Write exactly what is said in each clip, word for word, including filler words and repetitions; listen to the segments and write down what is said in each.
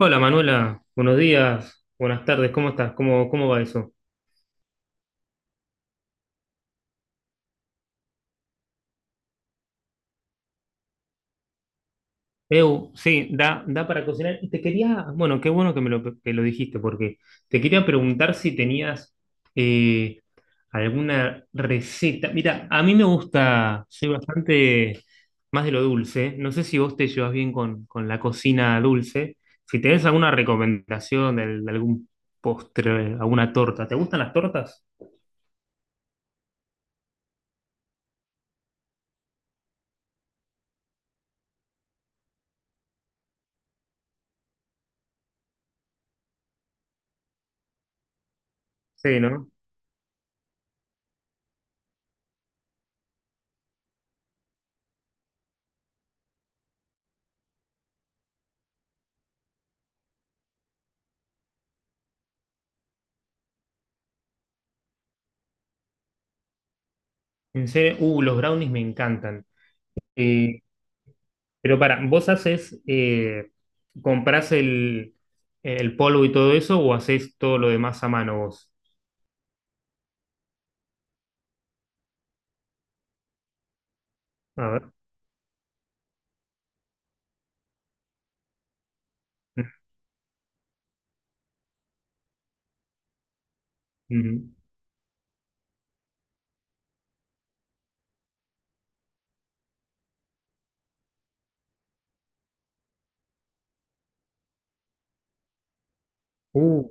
Hola Manuela, buenos días, buenas tardes, ¿cómo estás? ¿Cómo, cómo va eso? Eu, sí, da, da para cocinar. Y te quería, bueno, qué bueno que me lo, que lo dijiste, porque te quería preguntar si tenías eh, alguna receta. Mira, a mí me gusta, soy bastante más de lo dulce. No sé si vos te llevas bien con, con la cocina dulce. Si tenés alguna recomendación de, de algún postre, alguna torta. ¿Te gustan las tortas? Sí, ¿no? En serio, uh, los brownies me encantan. Eh, pero para, ¿vos haces, eh, comprás el, el polvo y todo eso o haces todo lo demás a mano vos? A ver. Ujú. Uh,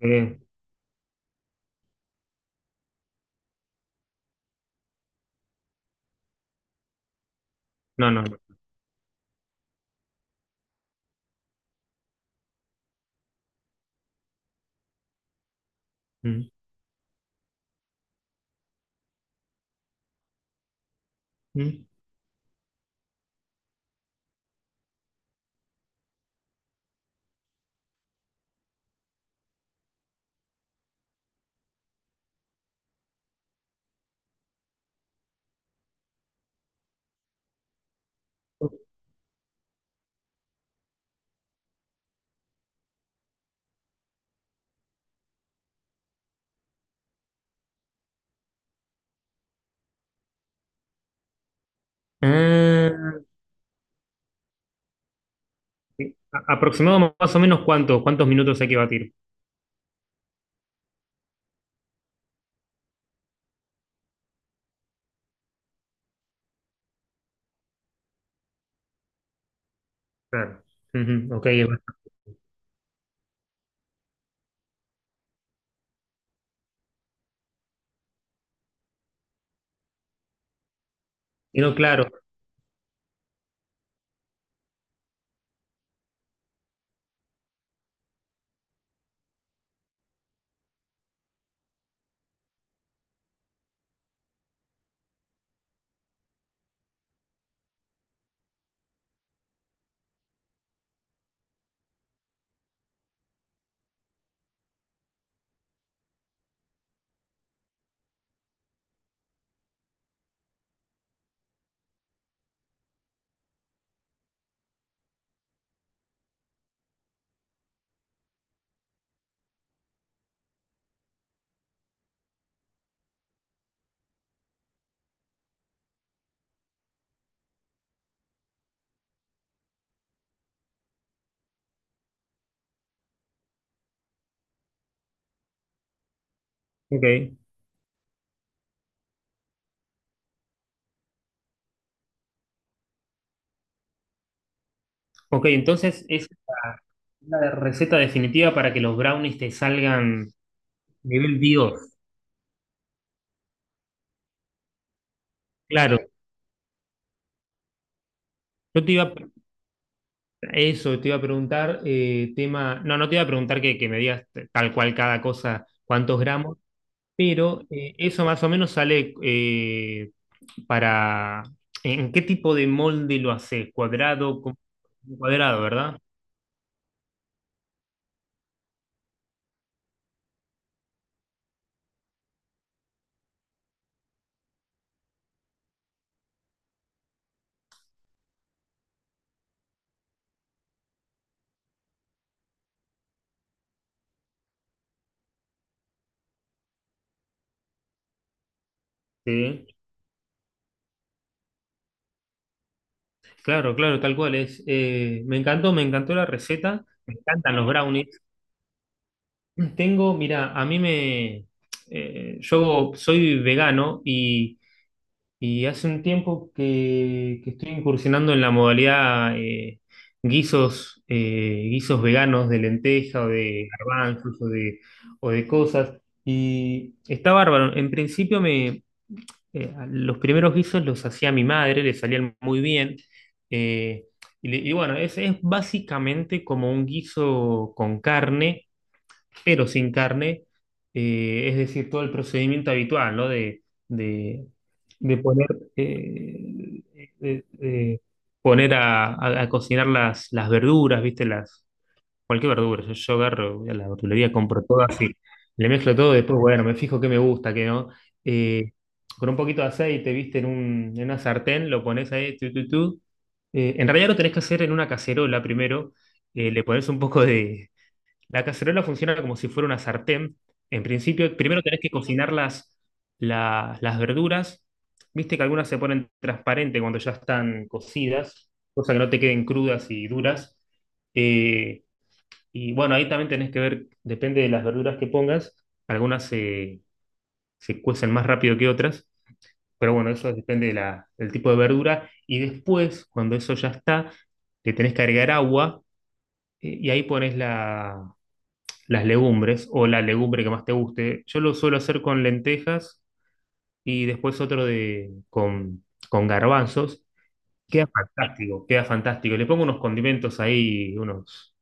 eh, no, no, no. Mm, mm. Ah, sí. A- aproximado más o menos cuántos, cuántos minutos hay que batir. Claro. Ujú, ok, es bastante. No, claro. Ok. Ok, entonces es la, la receta definitiva para que los brownies te salgan nivel Dios. Claro. Yo te iba Eso te iba a preguntar, eh, tema, no, no te iba a preguntar que, que me digas tal cual cada cosa, cuántos gramos, pero eh, eso más o menos sale eh, para, ¿en qué tipo de molde lo haces? Cuadrado, con- cuadrado, ¿verdad? Sí, claro, claro, tal cual es. Eh, me encantó, me encantó la receta, me encantan los brownies. Tengo, mira, a mí me, eh, yo soy vegano y Y hace un tiempo que, que estoy incursionando en la modalidad eh, guisos, eh, guisos veganos de lenteja o de garbanzos o de, o de cosas. Y está bárbaro. En principio me, eh, los primeros guisos los hacía mi madre, le salían muy bien. eh, y, le- y bueno, es, es básicamente como un guiso con carne pero sin carne, eh, es decir, todo el procedimiento habitual, ¿no? De, de, de poner, eh, de- de poner a, a- a cocinar las, las verduras, ¿viste? Las, cualquier verdura. Yo, yo agarro, voy a la verdulería, compro todo así, le mezclo todo, después, bueno, me fijo qué me gusta, qué no. Eh, con un poquito de aceite, ¿viste? En, un- en una sartén, lo pones ahí, tu, tu, tu. Eh, en realidad lo tenés que hacer en una cacerola primero, eh, le pones un poco de, la cacerola funciona como si fuera una sartén. En principio, primero tenés que cocinar las, la- las verduras. Viste que algunas se ponen transparente cuando ya están cocidas, cosa que no te queden crudas y duras. Eh, y bueno, ahí también tenés que ver, depende de las verduras que pongas, algunas se, se cuecen más rápido que otras, pero bueno, eso depende de la- del tipo de verdura. Y después, cuando eso ya está, le tenés que agregar agua, eh, y ahí pones la, las legumbres o la legumbre que más te guste. Yo lo suelo hacer con lentejas y después otro de, con, con garbanzos. Queda fantástico, queda fantástico. Le pongo unos condimentos ahí, unos,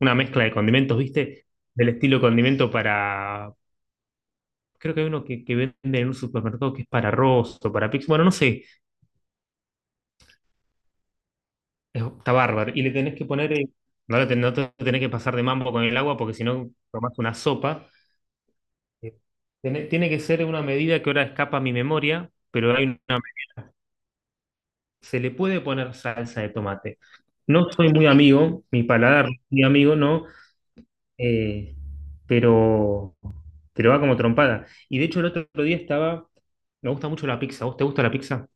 una mezcla de condimentos, ¿viste? Del estilo condimento para… Creo que hay uno que, que venden en un supermercado que es para arroz o para pizza. Bueno, no sé, es- está bárbaro. Y le tenés que poner… eh, No, lo ten- no te tenés que pasar de mambo con el agua porque si no tomás una sopa. Eh, Tiene, tiene que ser una medida que ahora escapa a mi memoria, pero hay una, se le puede poner salsa de tomate. No soy muy amigo, mi paladar no es muy amigo, no, eh, pero, pero va como trompada. Y de hecho el otro día estaba, me gusta mucho la pizza, ¿vos te gusta la pizza?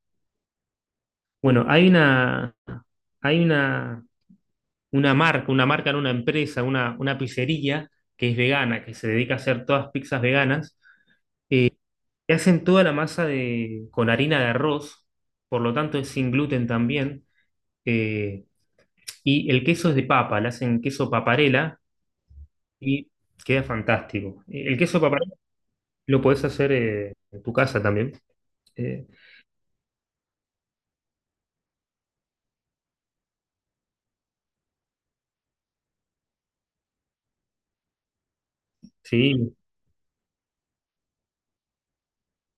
Bueno, hay una, hay una, una marca, una marca en una empresa, una, una pizzería que es vegana, que se dedica a hacer todas pizzas veganas, que hacen toda la masa de, con harina de arroz, por lo tanto es sin gluten también, eh, y el queso es de papa, le hacen queso paparela y queda fantástico. Eh, El queso paparela lo podés hacer eh, en tu casa también. Eh, sí,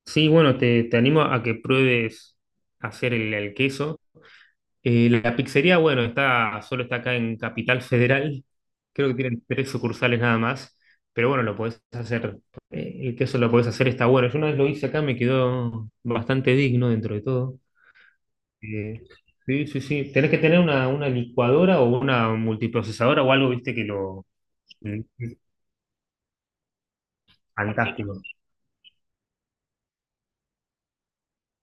sí, bueno, te, te animo a que pruebes hacer el, el queso. Eh, la pizzería, bueno, está, solo está acá en Capital Federal. Creo que tienen tres sucursales nada más. Pero bueno, lo podés hacer. Eh, el queso lo podés hacer, está bueno. Yo una vez lo hice acá, me quedó bastante digno dentro de todo. Eh, sí, sí, sí. Tenés que tener una, una licuadora o una multiprocesadora o algo, viste, que lo. Fantástico.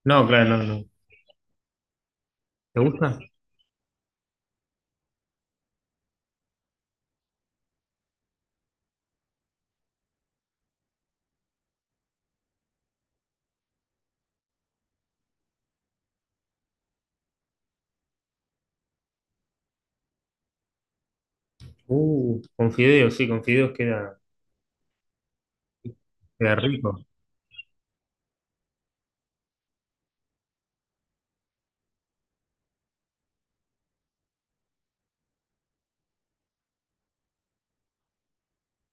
No, claro, no, no. ¿Te gusta? Uh, con fideos, sí, con fideos queda, queda rico.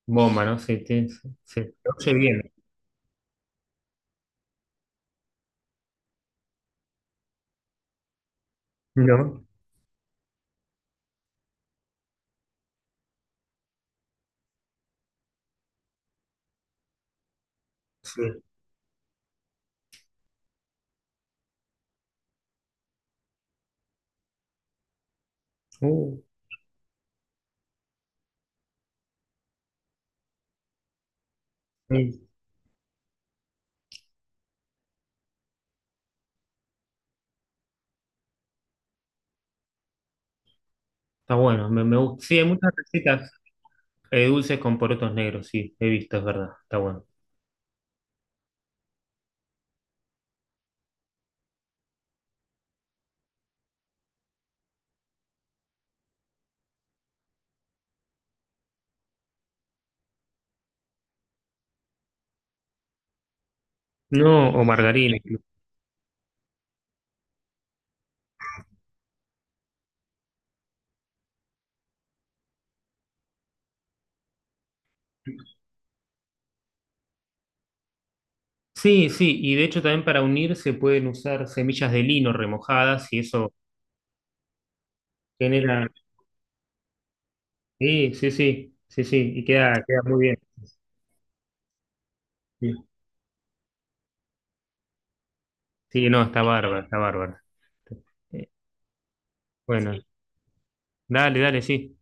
Bomba, ¿no? Sí, sí, sí. Se oye bien, ¿no? Sí. Uh, sí, está bueno, me, me gusta. Sí, hay muchas recetas eh, dulces con porotos negros, sí, he visto, es verdad, está bueno. No, o margarina incluso. Sí, sí, y de hecho también para unir se pueden usar semillas de lino remojadas y eso genera… Sí, sí, sí, sí, sí, y queda, queda muy bien. Sí, sí, no, está bárbaro, está bárbaro. Eh, Bueno, dale, dale, sí.